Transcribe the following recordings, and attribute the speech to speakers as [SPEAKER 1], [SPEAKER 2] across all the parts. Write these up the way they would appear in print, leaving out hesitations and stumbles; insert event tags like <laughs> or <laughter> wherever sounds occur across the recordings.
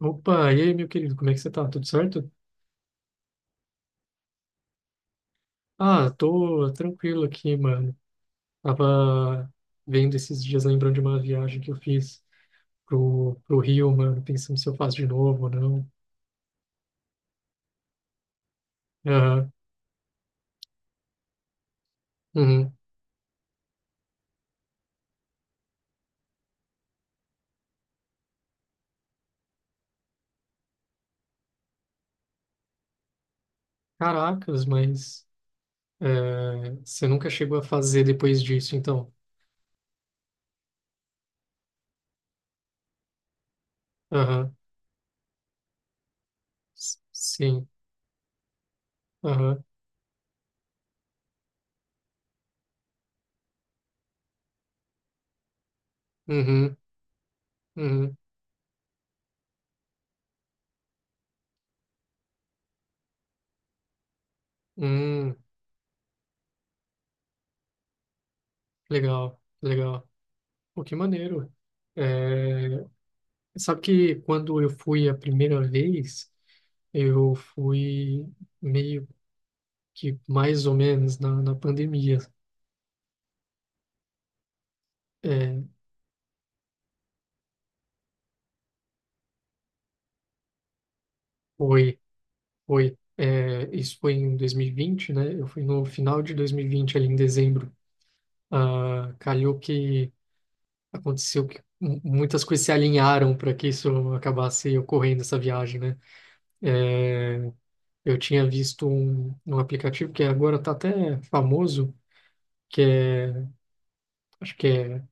[SPEAKER 1] Opa, e aí, meu querido, como é que você tá? Tudo certo? Ah, tô tranquilo aqui, mano. Tava vendo esses dias, lembrando de uma viagem que eu fiz pro Rio, mano, pensando se eu faço de novo ou não. Aham. Uhum. Caracas, mas é, você nunca chegou a fazer depois disso, então? Aham. Sim. Aham. Uhum. Uhum. Hum. Legal, legal. Pô, que maneiro. Eh, Sabe que quando eu fui a primeira vez, eu fui meio que mais ou menos na pandemia. É, foi, foi. É, isso foi em 2020, né? Eu fui no final de 2020 ali em dezembro. Ah, calhou que aconteceu que muitas coisas se alinharam para que isso acabasse ocorrendo, essa viagem, né? É, eu tinha visto um aplicativo que agora está até famoso, que é, acho que é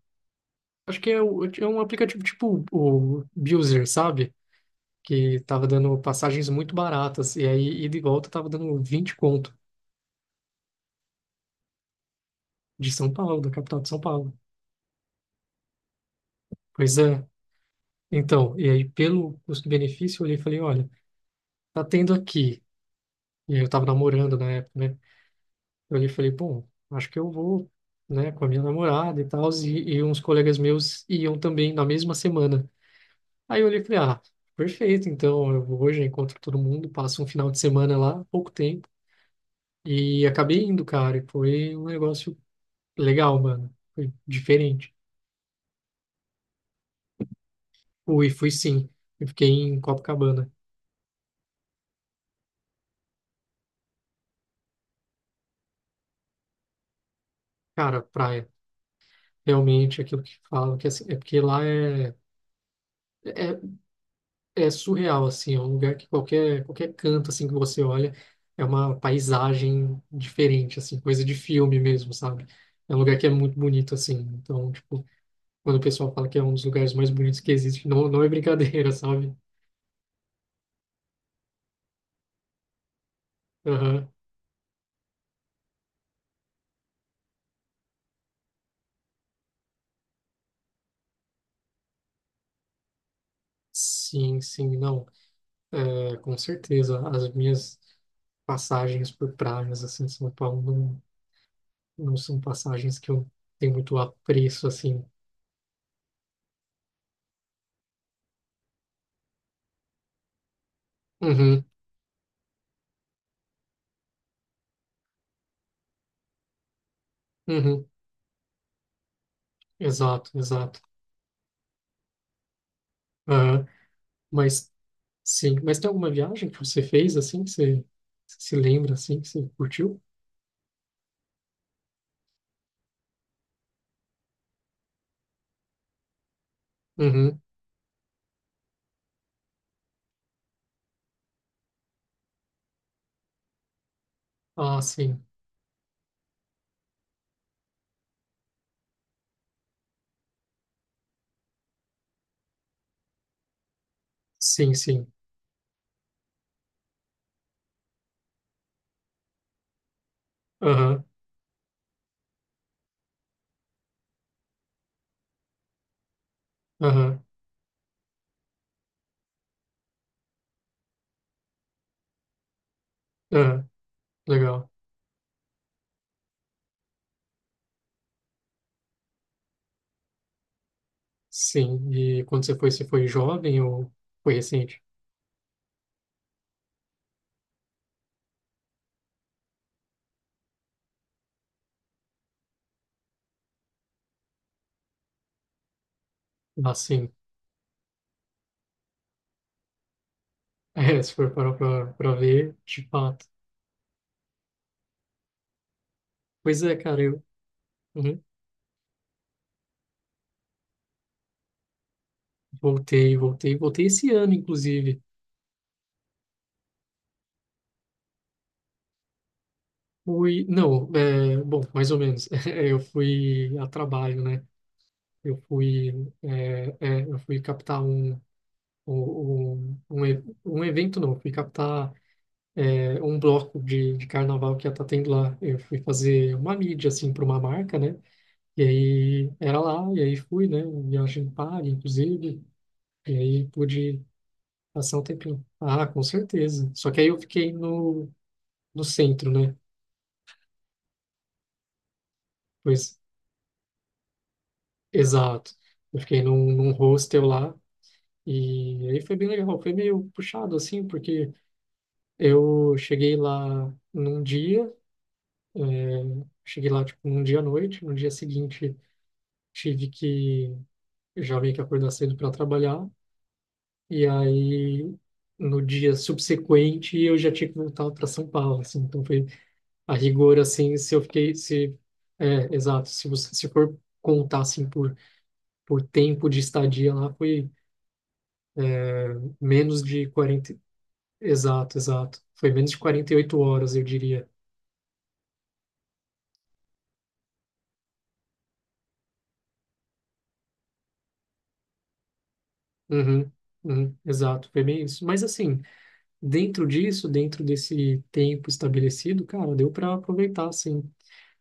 [SPEAKER 1] É um aplicativo tipo o Buser, sabe? Que tava dando passagens muito baratas. E aí, ida e volta, tava dando 20 conto de São Paulo, da capital de São Paulo. Pois é. Então, e aí, pelo custo-benefício, eu olhei e falei: olha, tá tendo aqui. E aí, eu tava namorando na época, né? Eu olhei e falei: bom, acho que eu vou, né, com a minha namorada e tal. E uns colegas meus iam também na mesma semana. Aí, eu olhei e falei: ah, perfeito. Então, eu vou hoje, encontro todo mundo, passo um final de semana lá, pouco tempo. E acabei indo, cara, e foi um negócio legal, mano. Foi diferente. Fui, fui sim. Eu fiquei em Copacabana. Cara, praia. Realmente, aquilo que falam, que é assim, é porque lá é, é surreal, assim. É um lugar que qualquer canto, assim, que você olha, é uma paisagem diferente, assim. Coisa de filme mesmo, sabe? É um lugar que é muito bonito, assim. Então, tipo, quando o pessoal fala que é um dos lugares mais bonitos que existe, não, não é brincadeira, <laughs> sabe? Aham. Sim, sim, não. É, com certeza, as minhas passagens por praias, assim, em São Paulo não, não são passagens que eu tenho muito apreço, assim. Uhum, uhum, exato, exato. Aham, mas, sim, mas tem alguma viagem que você fez, assim, que você se lembra, assim, que você curtiu? Uhum, ah, sim, sim, sim. Aham, aham, aham, legal. Sim, e quando você foi jovem ou foi recente? Ah, sim. <laughs> É, se for parar pra ver, tipo, Pois é, cara, eu uhum, voltei, voltei, voltei esse ano, inclusive. Fui, não, é, bom, mais ou menos. <laughs> Eu fui a trabalho, né? Eu fui, eu fui captar um evento, não, eu fui captar um bloco de carnaval que ia estar tendo lá. Eu fui fazer uma mídia, assim, para uma marca, né? E aí era lá, e aí fui, né? Viagem paga, inclusive, e aí pude passar um tempinho. Ah, com certeza. Só que aí eu fiquei no centro, né? Pois, exato. Eu fiquei num hostel lá e aí foi bem legal. Foi meio puxado, assim, porque eu cheguei lá num dia, cheguei lá, tipo, num dia à noite, no dia seguinte tive que, eu já meio que acordar cedo para trabalhar e aí no dia subsequente eu já tinha que voltar para São Paulo, assim, então foi a rigor, assim, se eu fiquei, se, é, exato, se você, se for contar, assim, por tempo de estadia lá, foi menos de 40. Exato, exato. Foi menos de 48 horas, eu diria. Uhum, uhum, exato, foi bem isso. Mas assim, dentro disso, dentro desse tempo estabelecido, cara, deu para aproveitar, assim.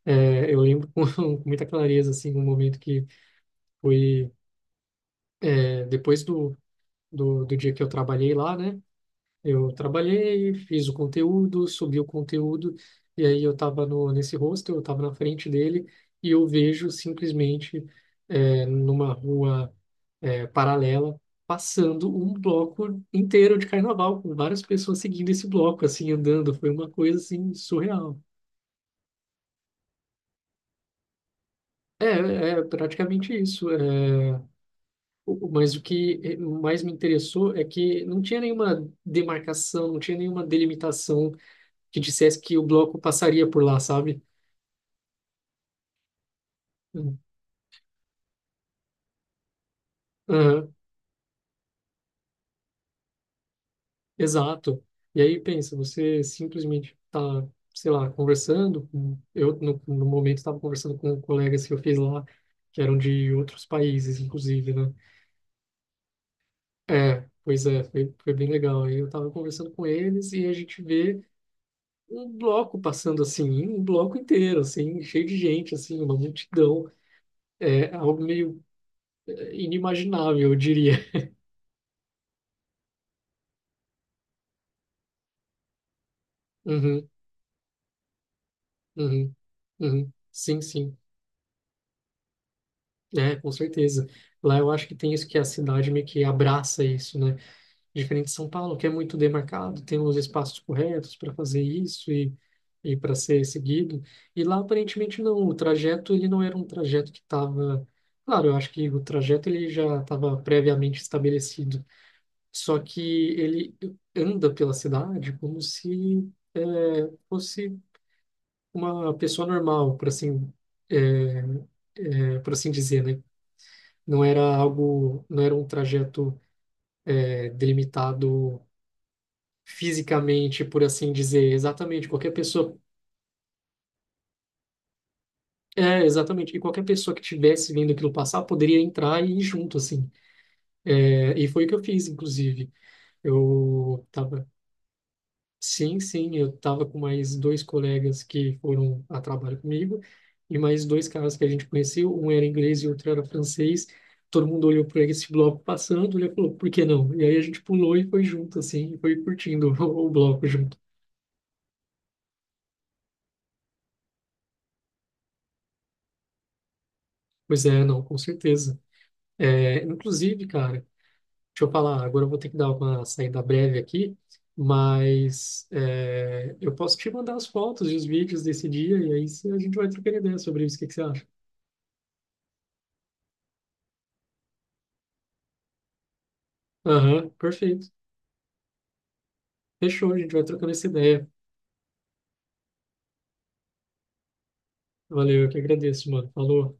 [SPEAKER 1] É, eu lembro com, <laughs> com muita clareza, assim, um momento que foi depois do dia que eu trabalhei lá, né? Eu trabalhei, fiz o conteúdo, subi o conteúdo, e aí eu tava no, nesse hostel, eu tava na frente dele, e eu vejo simplesmente numa rua paralela, passando um bloco inteiro de carnaval, com várias pessoas seguindo esse bloco, assim, andando. Foi uma coisa, assim, surreal. É praticamente isso. É, mas o que mais me interessou é que não tinha nenhuma demarcação, não tinha nenhuma delimitação que dissesse que o bloco passaria por lá, sabe? Uhum. Exato. E aí pensa, você simplesmente tá, sei lá, conversando. Eu, no momento, estava conversando com colegas que eu fiz lá, que eram de outros países, inclusive, né? É, pois é, foi, foi bem legal. Aí eu estava conversando com eles e a gente vê um bloco passando assim, um bloco inteiro, assim, cheio de gente, assim, uma multidão. É algo meio inimaginável, eu diria. <laughs> Uhum, uhum, uhum. Sim, sim. É, com certeza. Lá eu acho que tem isso que a cidade meio que abraça isso, né? Diferente de São Paulo, que é muito demarcado, tem os espaços corretos para fazer isso e para ser seguido. E lá aparentemente não, o trajeto ele não era um trajeto que estava. Claro, eu acho que o trajeto ele já estava previamente estabelecido. Só que ele anda pela cidade como se é, fosse uma pessoa normal, por assim, é, por assim dizer, né? Não era algo, não era um trajeto delimitado fisicamente, por assim dizer. Exatamente, qualquer pessoa. É, exatamente. E qualquer pessoa que tivesse vindo aquilo passar poderia entrar e ir junto, assim. É, e foi o que eu fiz, inclusive. Eu tava Sim, sim, eu estava com mais dois colegas que foram a trabalho comigo e mais dois caras que a gente conheceu, um era inglês e outro era francês. Todo mundo olhou para esse bloco passando, olhou e falou, por que não? E aí a gente pulou e foi junto, assim, e foi curtindo <laughs> o bloco junto. Pois é, não, com certeza. É, inclusive, cara, deixa eu falar, agora eu vou ter que dar uma saída breve aqui, mas eu posso te mandar as fotos e os vídeos desse dia e aí a gente vai trocando ideia sobre isso, o que que você acha? Aham, perfeito. Fechou, a gente vai trocando essa ideia. Valeu, eu que agradeço, mano. Falou.